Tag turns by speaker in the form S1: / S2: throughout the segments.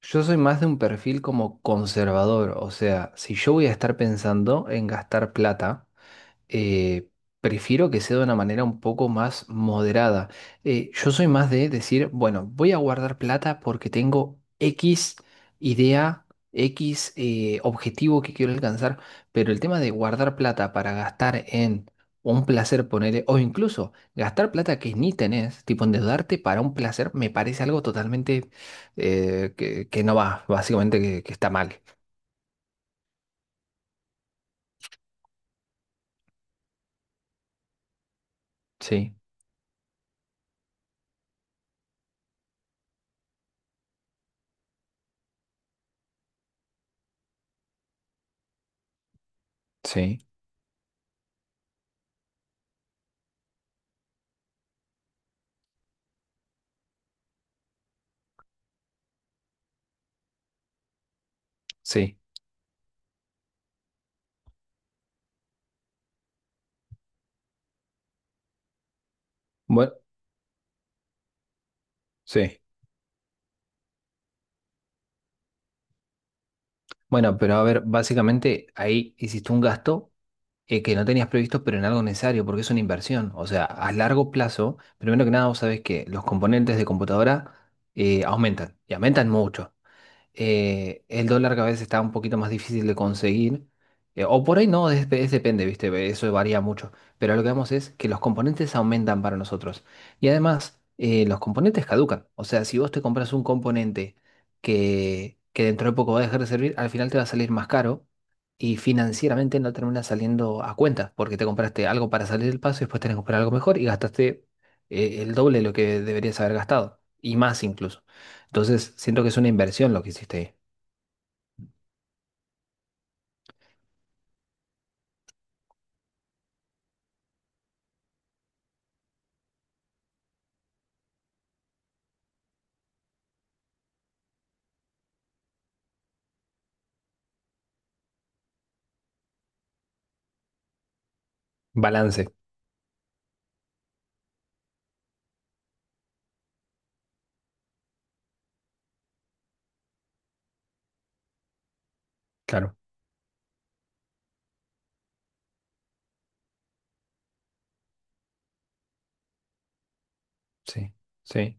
S1: Yo soy más de un perfil como conservador, o sea, si yo voy a estar pensando en gastar plata, eh, prefiero que sea de una manera un poco más moderada. Yo soy más de decir, bueno, voy a guardar plata porque tengo X idea, X objetivo que quiero alcanzar, pero el tema de guardar plata para gastar en un placer, ponerle, o incluso gastar plata que ni tenés, tipo endeudarte para un placer, me parece algo totalmente que no va, básicamente que está mal. Sí, sí, sí. Bueno, sí. Bueno, pero a ver, básicamente ahí hiciste un gasto que no tenías previsto, pero en algo necesario, porque es una inversión. O sea, a largo plazo, primero que nada, vos sabés que los componentes de computadora aumentan, y aumentan mucho. El dólar que a veces está un poquito más difícil de conseguir, o por ahí no, es depende, ¿viste? Eso varía mucho, pero lo que vemos es que los componentes aumentan para nosotros. Y además, los componentes caducan, o sea, si vos te compras un componente que dentro de poco va a dejar de servir, al final te va a salir más caro y financieramente no termina saliendo a cuenta, porque te compraste algo para salir del paso y después tenés que comprar algo mejor y gastaste, el doble de lo que deberías haber gastado, y más incluso. Entonces, siento que es una inversión lo que hiciste ahí. Balance, claro, sí, sí,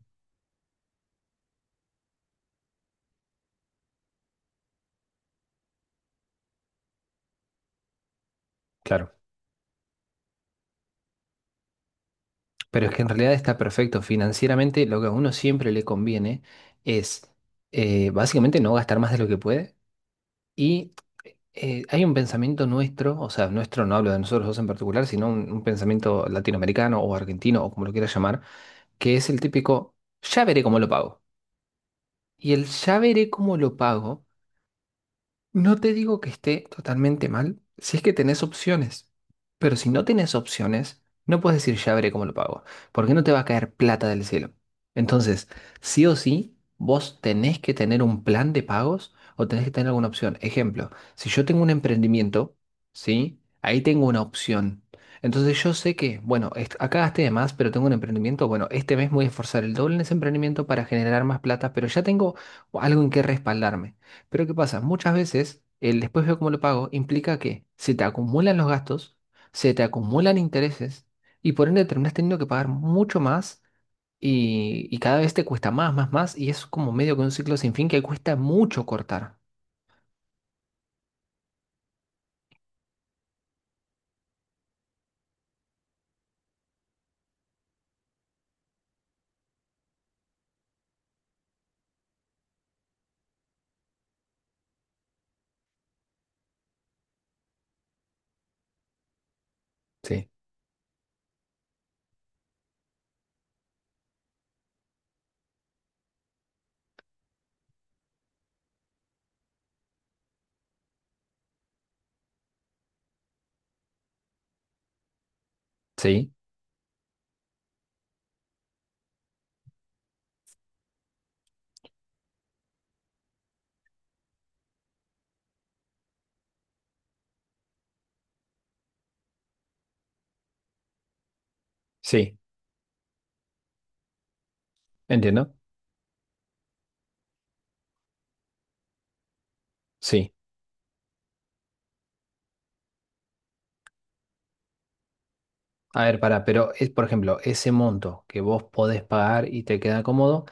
S1: claro. Pero es que en realidad está perfecto. Financieramente, lo que a uno siempre le conviene es básicamente no gastar más de lo que puede. Y hay un pensamiento nuestro, o sea, nuestro no hablo de nosotros dos en particular, sino un pensamiento latinoamericano o argentino o como lo quieras llamar, que es el típico, ya veré cómo lo pago. Y el ya veré cómo lo pago. No te digo que esté totalmente mal si es que tenés opciones, pero si no tenés opciones, no puedes decir ya veré cómo lo pago, porque no te va a caer plata del cielo. Entonces, sí o sí, vos tenés que tener un plan de pagos o tenés que tener alguna opción. Ejemplo, si yo tengo un emprendimiento, ¿sí? Ahí tengo una opción. Entonces yo sé que, bueno, acá gasté de más, pero tengo un emprendimiento, bueno, este mes me voy a esforzar el doble en ese emprendimiento para generar más plata, pero ya tengo algo en qué respaldarme. Pero ¿qué pasa? Muchas veces el después veo cómo lo pago implica que se te acumulan los gastos, se te acumulan intereses y por ende terminas teniendo que pagar mucho más y cada vez te cuesta más, más, más y es como medio que un ciclo sin fin que cuesta mucho cortar. Sí, sí, sí, entiendo. Sí. A ver, pará, pero es, por ejemplo, ese monto que vos podés pagar y te queda cómodo,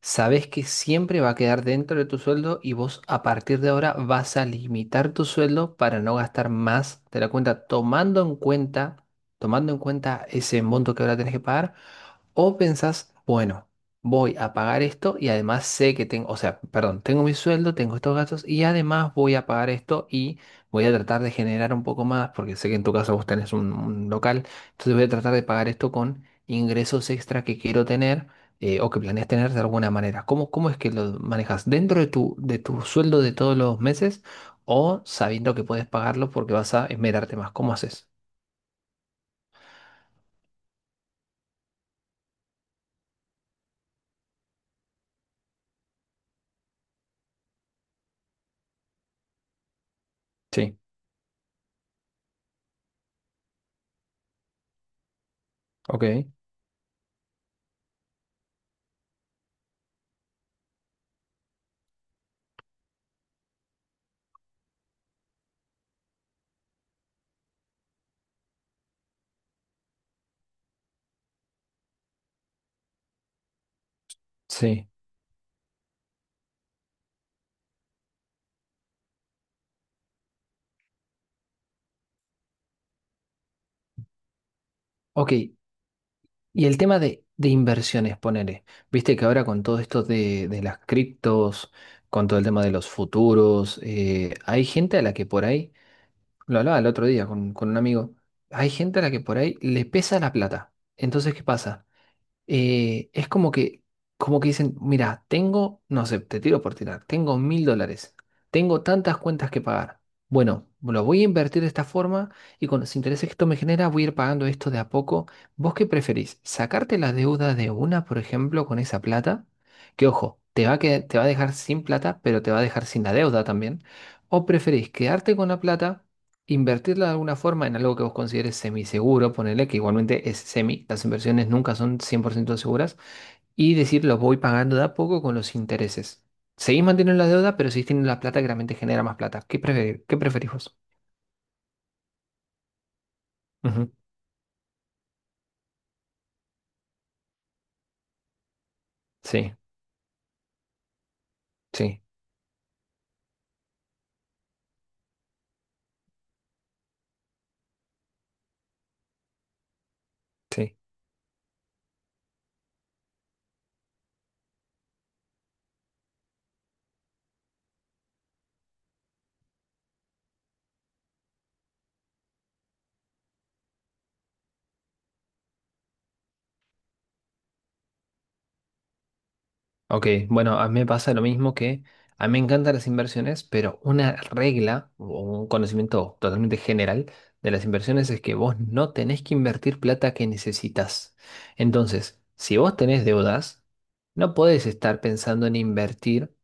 S1: sabés que siempre va a quedar dentro de tu sueldo y vos a partir de ahora vas a limitar tu sueldo para no gastar más de la cuenta, tomando en cuenta, tomando en cuenta ese monto que ahora tenés que pagar. O pensás, bueno, voy a pagar esto y además sé que tengo, o sea, perdón, tengo mi sueldo, tengo estos gastos y además voy a pagar esto y voy a tratar de generar un poco más, porque sé que en tu caso vos tenés un local, entonces voy a tratar de pagar esto con ingresos extra que quiero tener o que planeas tener de alguna manera. ¿Cómo es que lo manejas? ¿Dentro de tu, sueldo de todos los meses o sabiendo que puedes pagarlo porque vas a esmerarte más? ¿Cómo haces? Sí, ok, sí. Ok, y el tema de, inversiones, ponele. Viste que ahora con todo esto de, las criptos, con todo el tema de los futuros, hay gente a la que por ahí, lo hablaba el otro día con, un amigo, hay gente a la que por ahí le pesa la plata. Entonces, ¿qué pasa? Es como que, dicen, mira, tengo, no sé, te tiro por tirar, tengo $1.000, tengo tantas cuentas que pagar. Bueno, lo voy a invertir de esta forma y con los intereses que esto me genera voy a ir pagando esto de a poco. ¿Vos qué preferís? ¿Sacarte la deuda de una, por ejemplo, con esa plata? Que ojo, te va a dejar sin plata, pero te va a dejar sin la deuda también. ¿O preferís quedarte con la plata? Invertirla de alguna forma en algo que vos consideres semiseguro, ponele que igualmente es semi, las inversiones nunca son 100% seguras, y decir los voy pagando de a poco con los intereses. Seguís manteniendo la deuda, pero seguís teniendo la plata que realmente genera más plata. ¿Qué preferís vos? Ujú. Sí, sí, sí. Ok, bueno, a mí me pasa lo mismo que a mí me encantan las inversiones, pero una regla o un conocimiento totalmente general de las inversiones es que vos no tenés que invertir plata que necesitas. Entonces, si vos tenés deudas, no podés estar pensando en invertir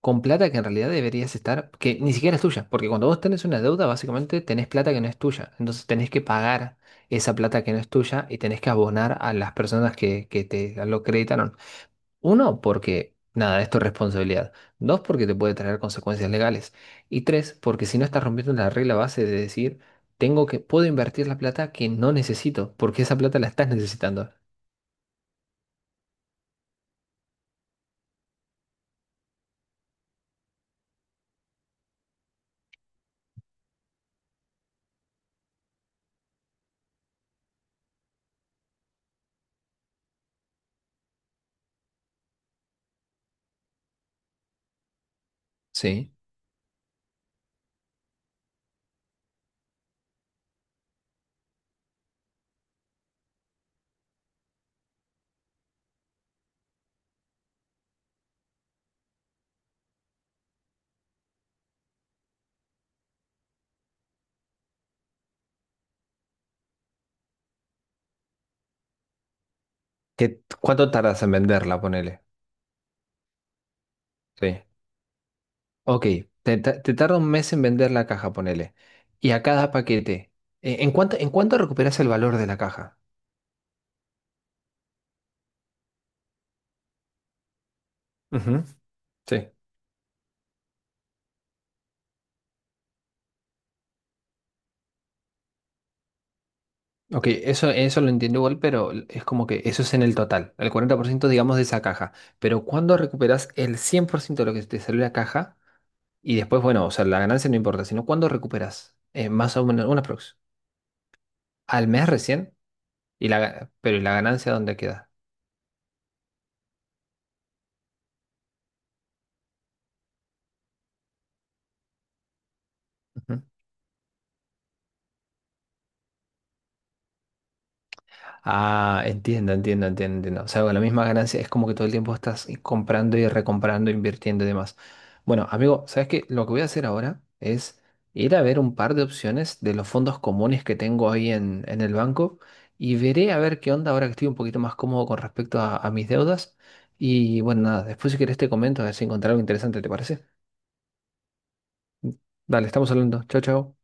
S1: con plata que en realidad deberías estar, que ni siquiera es tuya, porque cuando vos tenés una deuda, básicamente tenés plata que no es tuya. Entonces tenés que pagar esa plata que no es tuya y tenés que abonar a las personas que te lo acreditaron. Uno, porque nada, esto es tu responsabilidad. Dos, porque te puede traer consecuencias legales. Y tres, porque si no estás rompiendo la regla base de decir, tengo que, puedo invertir la plata que no necesito, porque esa plata la estás necesitando. Sí. ¿Qué, cuánto tardas en venderla, ponele? Sí. Ok, te tarda un mes en vender la caja, ponele. Y a cada paquete, ¿en cuánto recuperas el valor de la caja? Ujú, sí. Ok, eso lo entiendo igual, pero es como que eso es en el total, el 40% digamos de esa caja. Pero cuando recuperas el 100% de lo que te salió la caja, y después, bueno, o sea, la ganancia no importa, sino cuando recuperas más o menos una prox. Al mes recién, pero ¿y la ganancia dónde queda? Ah, entiendo, entiendo, entiendo, entiendo. O sea, con la misma ganancia es como que todo el tiempo estás comprando y recomprando, invirtiendo y demás. Bueno, amigo, ¿sabes qué? Lo que voy a hacer ahora es ir a ver un par de opciones de los fondos comunes que tengo ahí en el banco y veré a ver qué onda ahora que estoy un poquito más cómodo con respecto a mis deudas. Y bueno, nada, después si quieres te comento a ver si encontré algo interesante, ¿te parece? Dale, estamos hablando. Chao, chao.